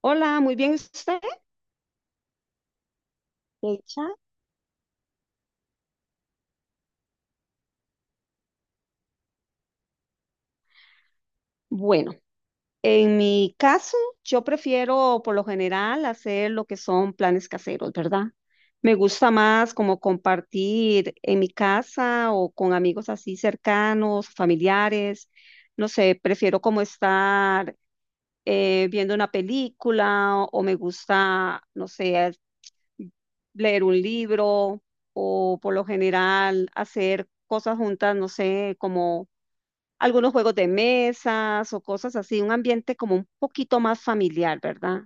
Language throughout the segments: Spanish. Hola, muy bien usted. Hecha. Bueno, en mi caso, yo prefiero por lo general hacer lo que son planes caseros, ¿verdad? Me gusta más como compartir en mi casa o con amigos así cercanos, familiares. No sé, prefiero como estar viendo una película o me gusta, no sé, leer un libro o por lo general hacer cosas juntas, no sé, como algunos juegos de mesas o cosas así, un ambiente como un poquito más familiar, ¿verdad?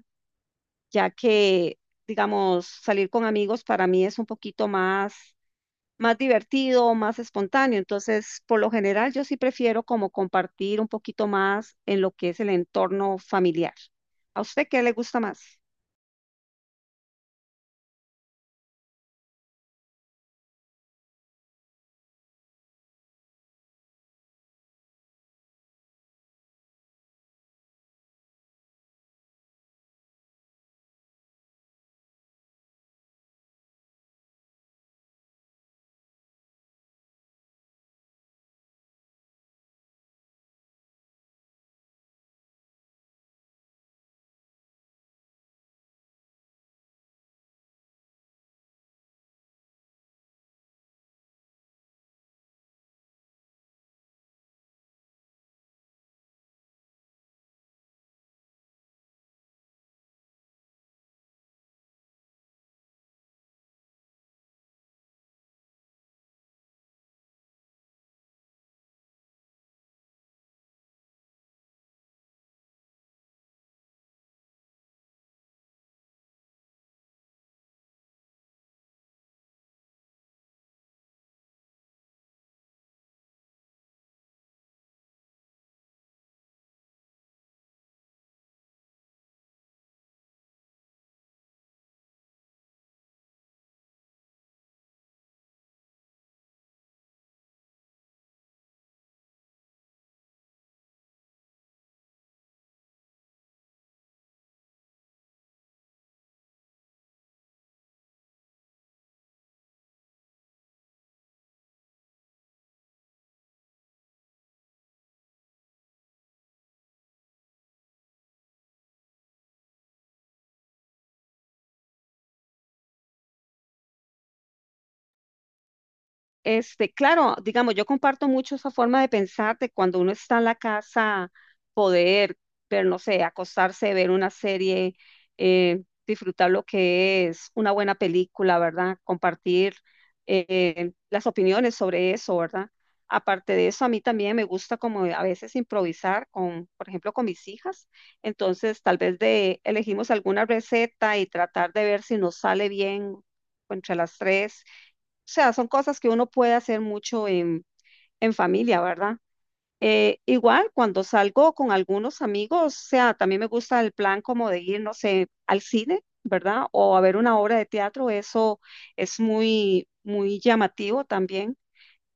Ya que, digamos, salir con amigos para mí es un poquito más, más divertido, más espontáneo. Entonces, por lo general, yo sí prefiero como compartir un poquito más en lo que es el entorno familiar. ¿A usted qué le gusta más? Este, claro, digamos, yo comparto mucho esa forma de pensar de cuando uno está en la casa, poder ver, no sé, acostarse, ver una serie, disfrutar lo que es una buena película, ¿verdad? Compartir las opiniones sobre eso, ¿verdad? Aparte de eso, a mí también me gusta como a veces improvisar con, por ejemplo, con mis hijas. Entonces, tal vez de elegimos alguna receta y tratar de ver si nos sale bien entre las tres sea, son cosas que uno puede hacer mucho en familia, ¿verdad? Igual, cuando salgo con algunos amigos, o sea, también me gusta el plan como de ir, no sé, al cine, ¿verdad? O a ver una obra de teatro, eso es muy, muy llamativo también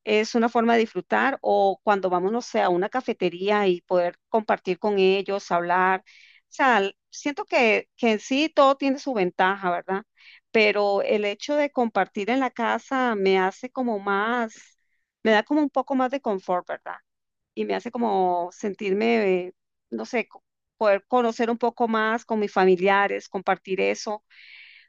es una forma de disfrutar o cuando vamos, no sé, a una cafetería y poder compartir con ellos, hablar. O sea, siento que en sí todo tiene su ventaja, ¿verdad? Pero el hecho de compartir en la casa me hace como más, me da como un poco más de confort, ¿verdad? Y me hace como sentirme, no sé, poder conocer un poco más con mis familiares, compartir eso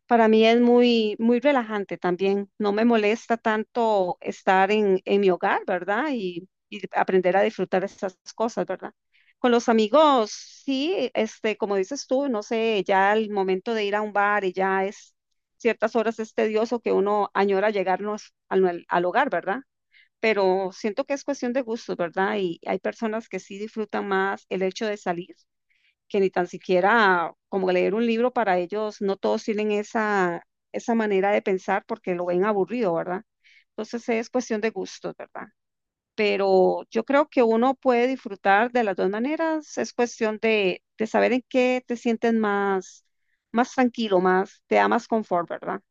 para mí es muy, muy relajante también. No me molesta tanto estar en mi hogar, ¿verdad? Y aprender a disfrutar esas cosas, ¿verdad? Con los amigos, sí, este, como dices tú, no sé, ya el momento de ir a un bar y ya es ciertas horas es tedioso que uno añora llegarnos al hogar, ¿verdad? Pero siento que es cuestión de gustos, ¿verdad? Y hay personas que sí disfrutan más el hecho de salir que ni tan siquiera como leer un libro para ellos, no todos tienen esa manera de pensar porque lo ven aburrido, ¿verdad? Entonces es cuestión de gustos, ¿verdad? Pero yo creo que uno puede disfrutar de las dos maneras, es cuestión de saber en qué te sientes más, más tranquilo, más, te da más confort, ¿verdad?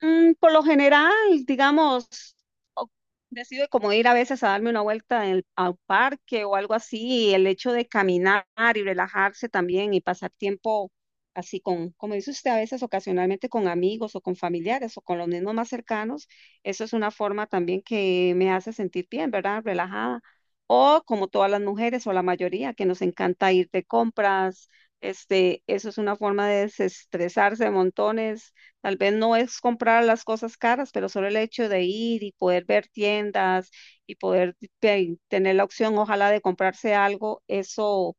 Mm, por lo general, digamos, o- decido como ir a veces a darme una vuelta en el, al parque o algo así, y el hecho de caminar y relajarse también y pasar tiempo así con, como dice usted, a veces ocasionalmente con amigos o con familiares o con los mismos más cercanos, eso es una forma también que me hace sentir bien, ¿verdad? Relajada. O como todas las mujeres o la mayoría que nos encanta ir de compras, este, eso es una forma de desestresarse montones. Tal vez no es comprar las cosas caras, pero solo el hecho de ir y poder ver tiendas y poder tener la opción, ojalá, de comprarse algo, eso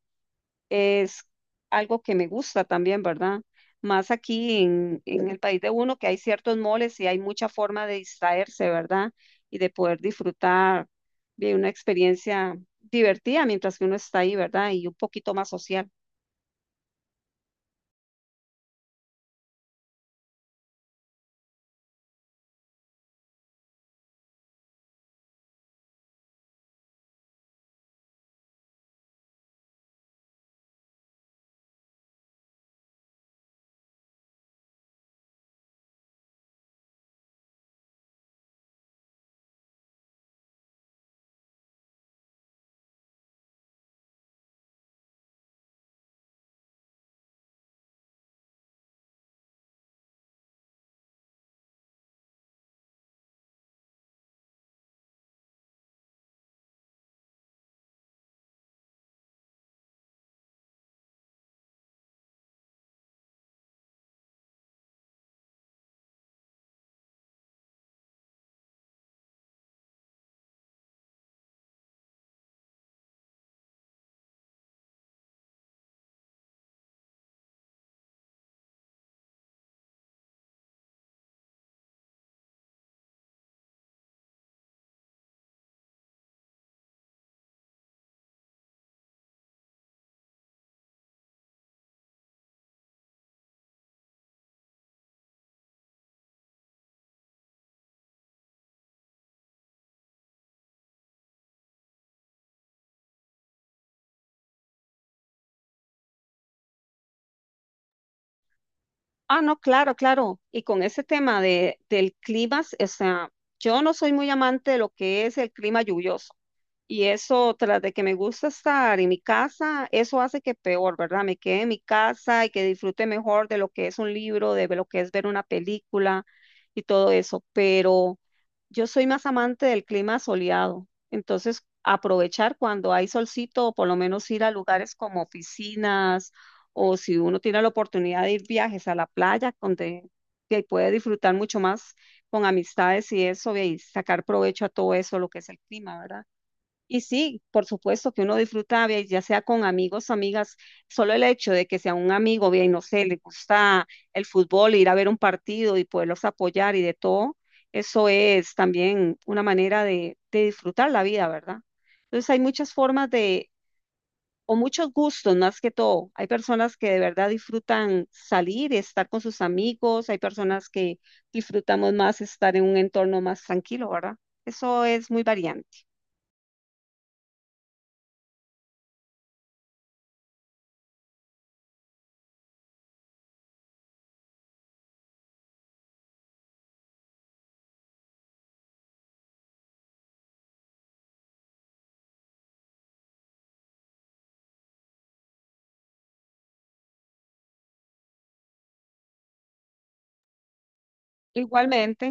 es algo que me gusta también, ¿verdad? Más aquí en el país de uno, que hay ciertos moles y hay mucha forma de distraerse, ¿verdad? Y de poder disfrutar de una experiencia divertida mientras que uno está ahí, ¿verdad? Y un poquito más social. Ah, no, claro, claro. Y con ese tema del clima, o sea, yo no soy muy amante de lo que es el clima lluvioso. Y eso, tras de que me gusta estar en mi casa, eso hace que peor, ¿verdad? Me quede en mi casa y que disfrute mejor de lo que es un libro, de lo que es ver una película y todo eso. Pero yo soy más amante del clima soleado, entonces aprovechar cuando hay solcito o por lo menos ir a lugares como piscinas o si uno tiene la oportunidad de ir viajes a la playa donde que puede disfrutar mucho más con amistades y eso y sacar provecho a todo eso, lo que es el clima, ¿verdad? Y sí, por supuesto que uno disfruta, vea, ya sea con amigos o amigas, solo el hecho de que sea un amigo, bien, no sé, le gusta el fútbol, ir a ver un partido y poderlos apoyar y de todo, eso es también una manera de disfrutar la vida, ¿verdad? Entonces hay muchas formas de, o muchos gustos más que todo. Hay personas que de verdad disfrutan salir, estar con sus amigos, hay personas que disfrutamos más estar en un entorno más tranquilo, ¿verdad? Eso es muy variante. Igualmente.